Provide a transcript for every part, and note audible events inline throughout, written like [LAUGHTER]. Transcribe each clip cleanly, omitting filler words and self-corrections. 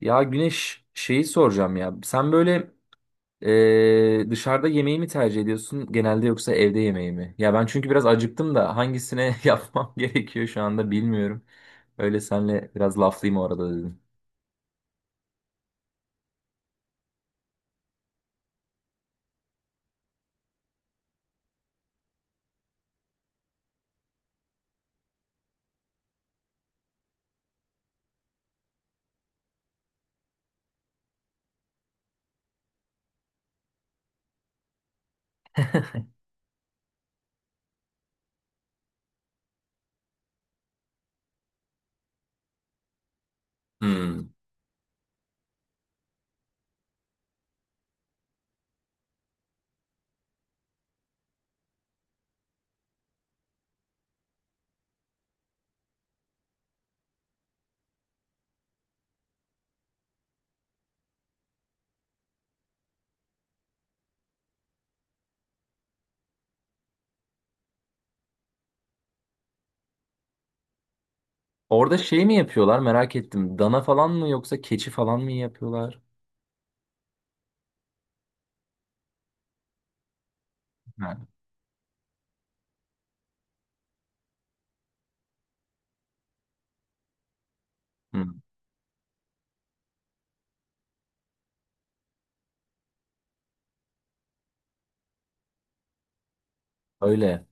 Ya Güneş şeyi soracağım ya. Sen böyle dışarıda yemeği mi tercih ediyorsun genelde yoksa evde yemeği mi? Ya ben çünkü biraz acıktım da hangisine [LAUGHS] yapmam gerekiyor şu anda bilmiyorum. Öyle senle biraz laflayayım o arada dedim. Hmm. Orada şey mi yapıyorlar merak ettim. Dana falan mı yoksa keçi falan mı yapıyorlar? Ha. Hı, öyle.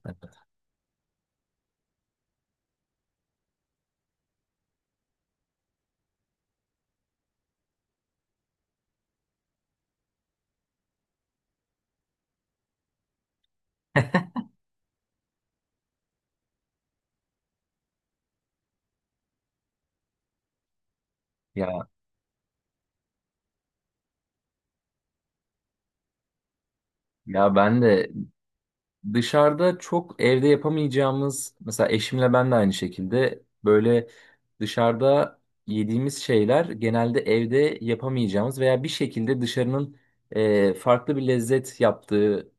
Ya ya ben de dışarıda çok evde yapamayacağımız, mesela eşimle ben de aynı şekilde böyle dışarıda yediğimiz şeyler genelde evde yapamayacağımız veya bir şekilde dışarının farklı bir lezzet yaptığı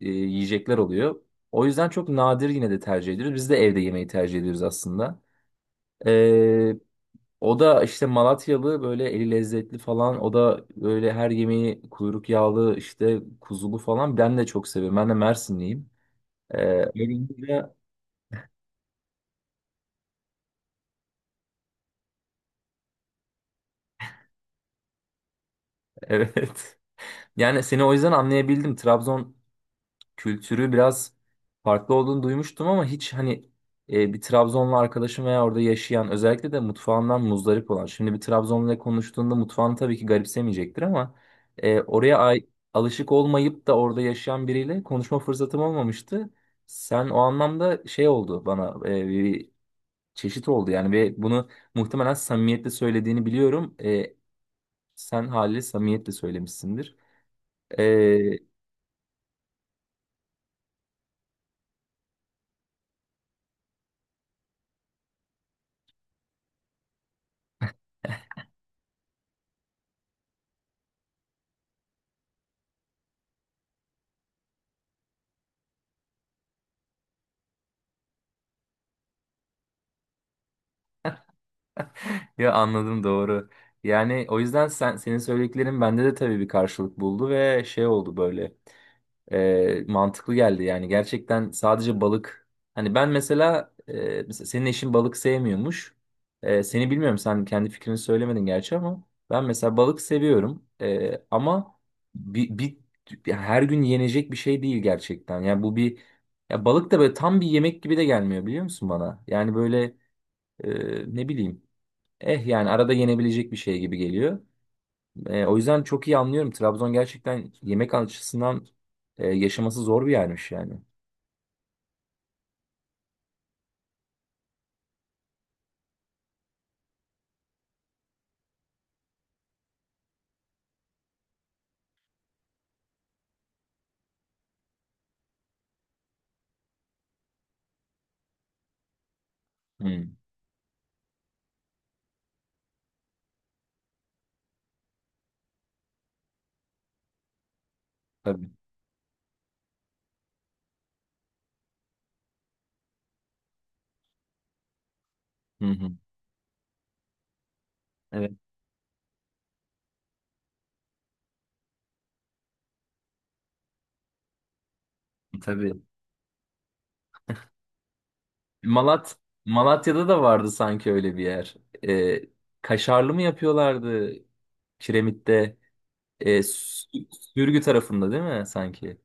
yiyecekler oluyor. O yüzden çok nadir yine de tercih ediyoruz. Biz de evde yemeyi tercih ediyoruz aslında. E, O da işte Malatyalı, böyle eli lezzetli falan. O da böyle her yemeği kuyruk yağlı, işte kuzulu falan. Ben de çok seviyorum. Ben de Mersinliyim. Ee, olunca- [LAUGHS] evet. Yani seni o yüzden anlayabildim. Trabzon kültürü biraz farklı olduğunu duymuştum ama hiç hani bir Trabzonlu arkadaşım veya orada yaşayan, özellikle de mutfağından muzdarip olan. Şimdi bir Trabzonluyla konuştuğunda mutfağını tabii ki garipsemeyecektir ama e, oraya ay- alışık olmayıp da orada yaşayan biriyle konuşma fırsatım olmamıştı. Sen o anlamda şey oldu bana, bir çeşit oldu yani ve bunu muhtemelen samimiyetle söylediğini biliyorum. Sen haliyle samimiyetle söylemişsindir. Ee, [LAUGHS] ya anladım, doğru. Yani o yüzden sen, senin söylediklerin bende de tabii bir karşılık buldu ve şey oldu böyle. Mantıklı geldi yani, gerçekten. Sadece balık. Hani ben mesela, mesela senin eşin balık sevmiyormuş. Seni bilmiyorum, sen kendi fikrini söylemedin gerçi ama ben mesela balık seviyorum. Ama bir ya, her gün yenecek bir şey değil gerçekten. Yani bu bir, ya balık da böyle tam bir yemek gibi de gelmiyor biliyor musun bana? Yani böyle ne bileyim, yani arada yenebilecek bir şey gibi geliyor. O yüzden çok iyi anlıyorum. Trabzon gerçekten yemek açısından yaşaması zor bir yermiş yani. Hı, tabii. Hı hı. Evet, tabii. Malat Malatya'da da vardı sanki öyle bir yer. E, Kaşarlı mı yapıyorlardı Kiremit'te? E, Sü- Sürgü tarafında değil mi sanki?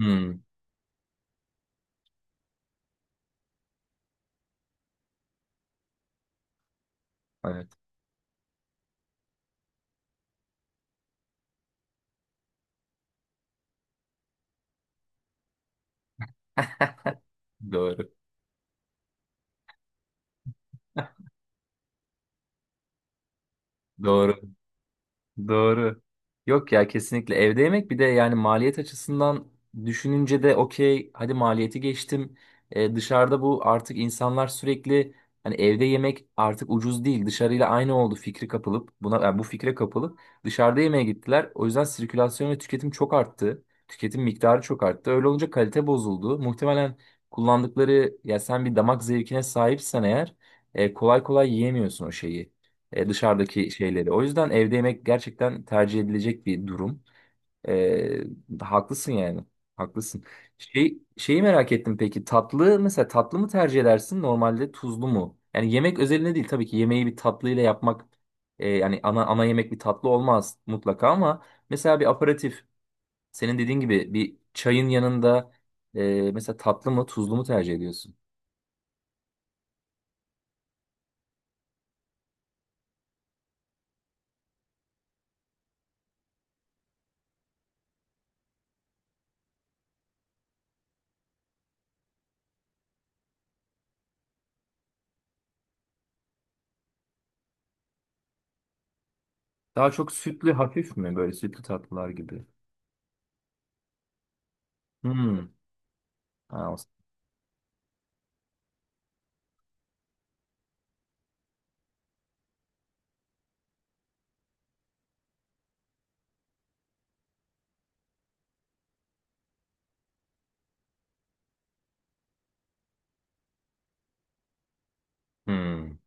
Hı, evet. Doğru. [LAUGHS] Doğru. Doğru. Yok ya, kesinlikle evde yemek. Bir de yani maliyet açısından düşününce de okey, hadi maliyeti geçtim. Dışarıda bu artık, insanlar sürekli hani evde yemek artık ucuz değil, dışarıyla aynı oldu fikri kapılıp buna, yani bu fikre kapılıp dışarıda yemeğe gittiler. O yüzden sirkülasyon ve tüketim çok arttı. Tüketim miktarı çok arttı. Öyle olunca kalite bozuldu. Muhtemelen kullandıkları, ya sen bir damak zevkine sahipsen eğer kolay kolay yiyemiyorsun o şeyi, dışarıdaki şeyleri. O yüzden evde yemek gerçekten tercih edilecek bir durum. E, Haklısın yani. Haklısın. Şeyi merak ettim peki. Tatlı, mesela tatlı mı tercih edersin normalde, tuzlu mu? Yani yemek özelinde değil tabii ki, yemeği bir tatlıyla yapmak, yani ana yemek bir tatlı olmaz mutlaka ama mesela bir aperatif, senin dediğin gibi bir çayın yanında, mesela tatlı mı tuzlu mu tercih ediyorsun? Daha çok sütlü hafif mi, böyle sütlü tatlılar gibi? Hmm. Ha, o- Hmm.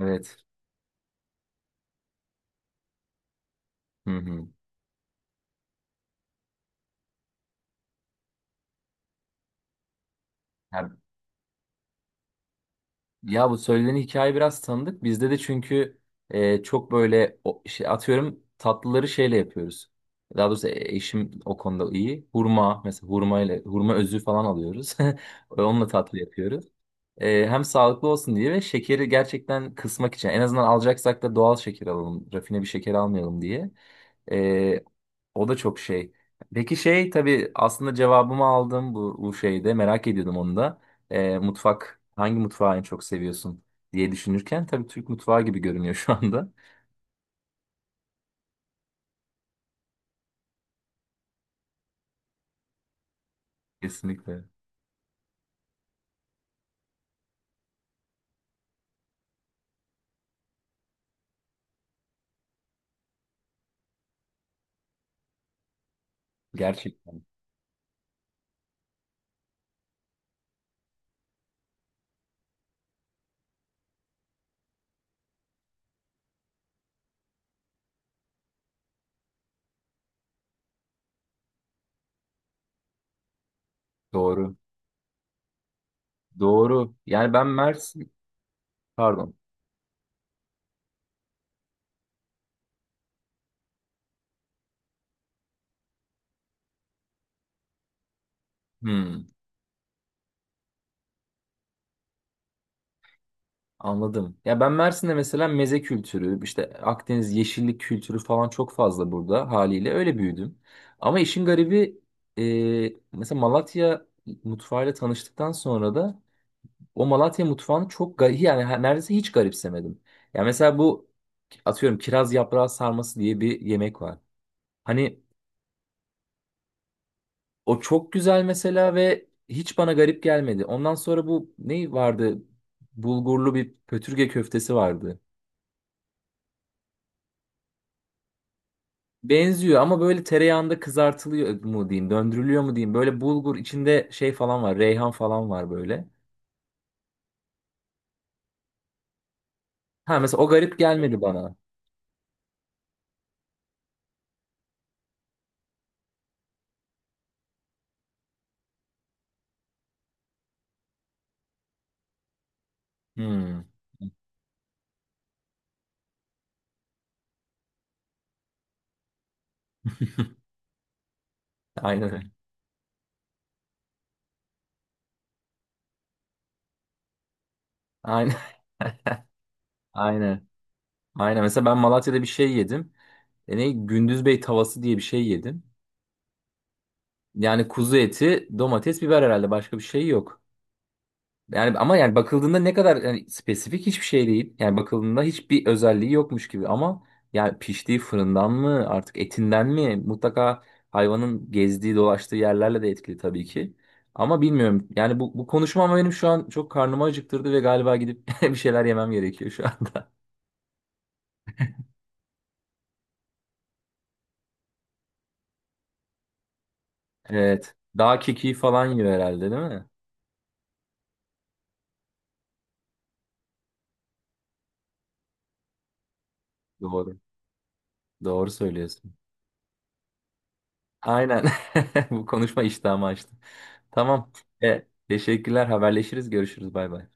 Evet. Hı hı. Ya, ya bu söylediğin hikaye biraz tanıdık. Bizde de çünkü çok böyle atıyorum tatlıları şeyle yapıyoruz. Daha doğrusu eşim o konuda iyi. Hurma, mesela hurma ile hurma özü falan alıyoruz. [LAUGHS] Onunla tatlı yapıyoruz. Hem sağlıklı olsun diye ve şekeri gerçekten kısmak için. En azından alacaksak da doğal şeker alalım, rafine bir şeker almayalım diye. E, O da çok şey. Peki şey, tabii aslında cevabımı aldım bu şeyde. Merak ediyordum onu da. Mutfak, hangi mutfağı en çok seviyorsun diye düşünürken tabii Türk mutfağı gibi görünüyor şu anda. [LAUGHS] Kesinlikle. Gerçekten. Doğru. Doğru. Yani ben Mersin... Pardon. Hmm. Anladım. Ya ben Mersin'de mesela meze kültürü, işte Akdeniz yeşillik kültürü falan çok fazla, burada haliyle öyle büyüdüm. Ama işin garibi mesela Malatya mutfağıyla tanıştıktan sonra da o Malatya mutfağını çok garip yani, neredeyse hiç garipsemedim. Ya mesela bu, atıyorum, kiraz yaprağı sarması diye bir yemek var. Hani o çok güzel mesela ve hiç bana garip gelmedi. Ondan sonra bu ne vardı? Bulgurlu bir pötürge köftesi vardı. Benziyor ama böyle tereyağında kızartılıyor mu diyeyim, döndürülüyor mu diyeyim. Böyle bulgur içinde şey falan var, reyhan falan var böyle. Ha, mesela o garip gelmedi bana. Hmm. [LAUGHS] Aynen. Aynen. Aynen. [LAUGHS] Aynen. Aynen. Mesela ben Malatya'da bir şey yedim. E ne? Gündüz Bey tavası diye bir şey yedim. Yani kuzu eti, domates, biber, herhalde başka bir şey yok. Yani ama yani bakıldığında ne kadar, yani spesifik hiçbir şey değil. Yani bakıldığında hiçbir özelliği yokmuş gibi ama yani piştiği fırından mı artık, etinden mi, mutlaka hayvanın gezdiği dolaştığı yerlerle de etkili tabii ki. Ama bilmiyorum yani bu konuşma ama benim şu an çok karnımı acıktırdı ve galiba gidip [LAUGHS] bir şeyler yemem gerekiyor şu anda. Evet, dağ kekiği falan yiyor herhalde değil mi? Doğru. Doğru söylüyorsun. Aynen, [LAUGHS] bu konuşma iştahımı açtı. Tamam. Teşekkürler, haberleşiriz, görüşürüz, bay bay.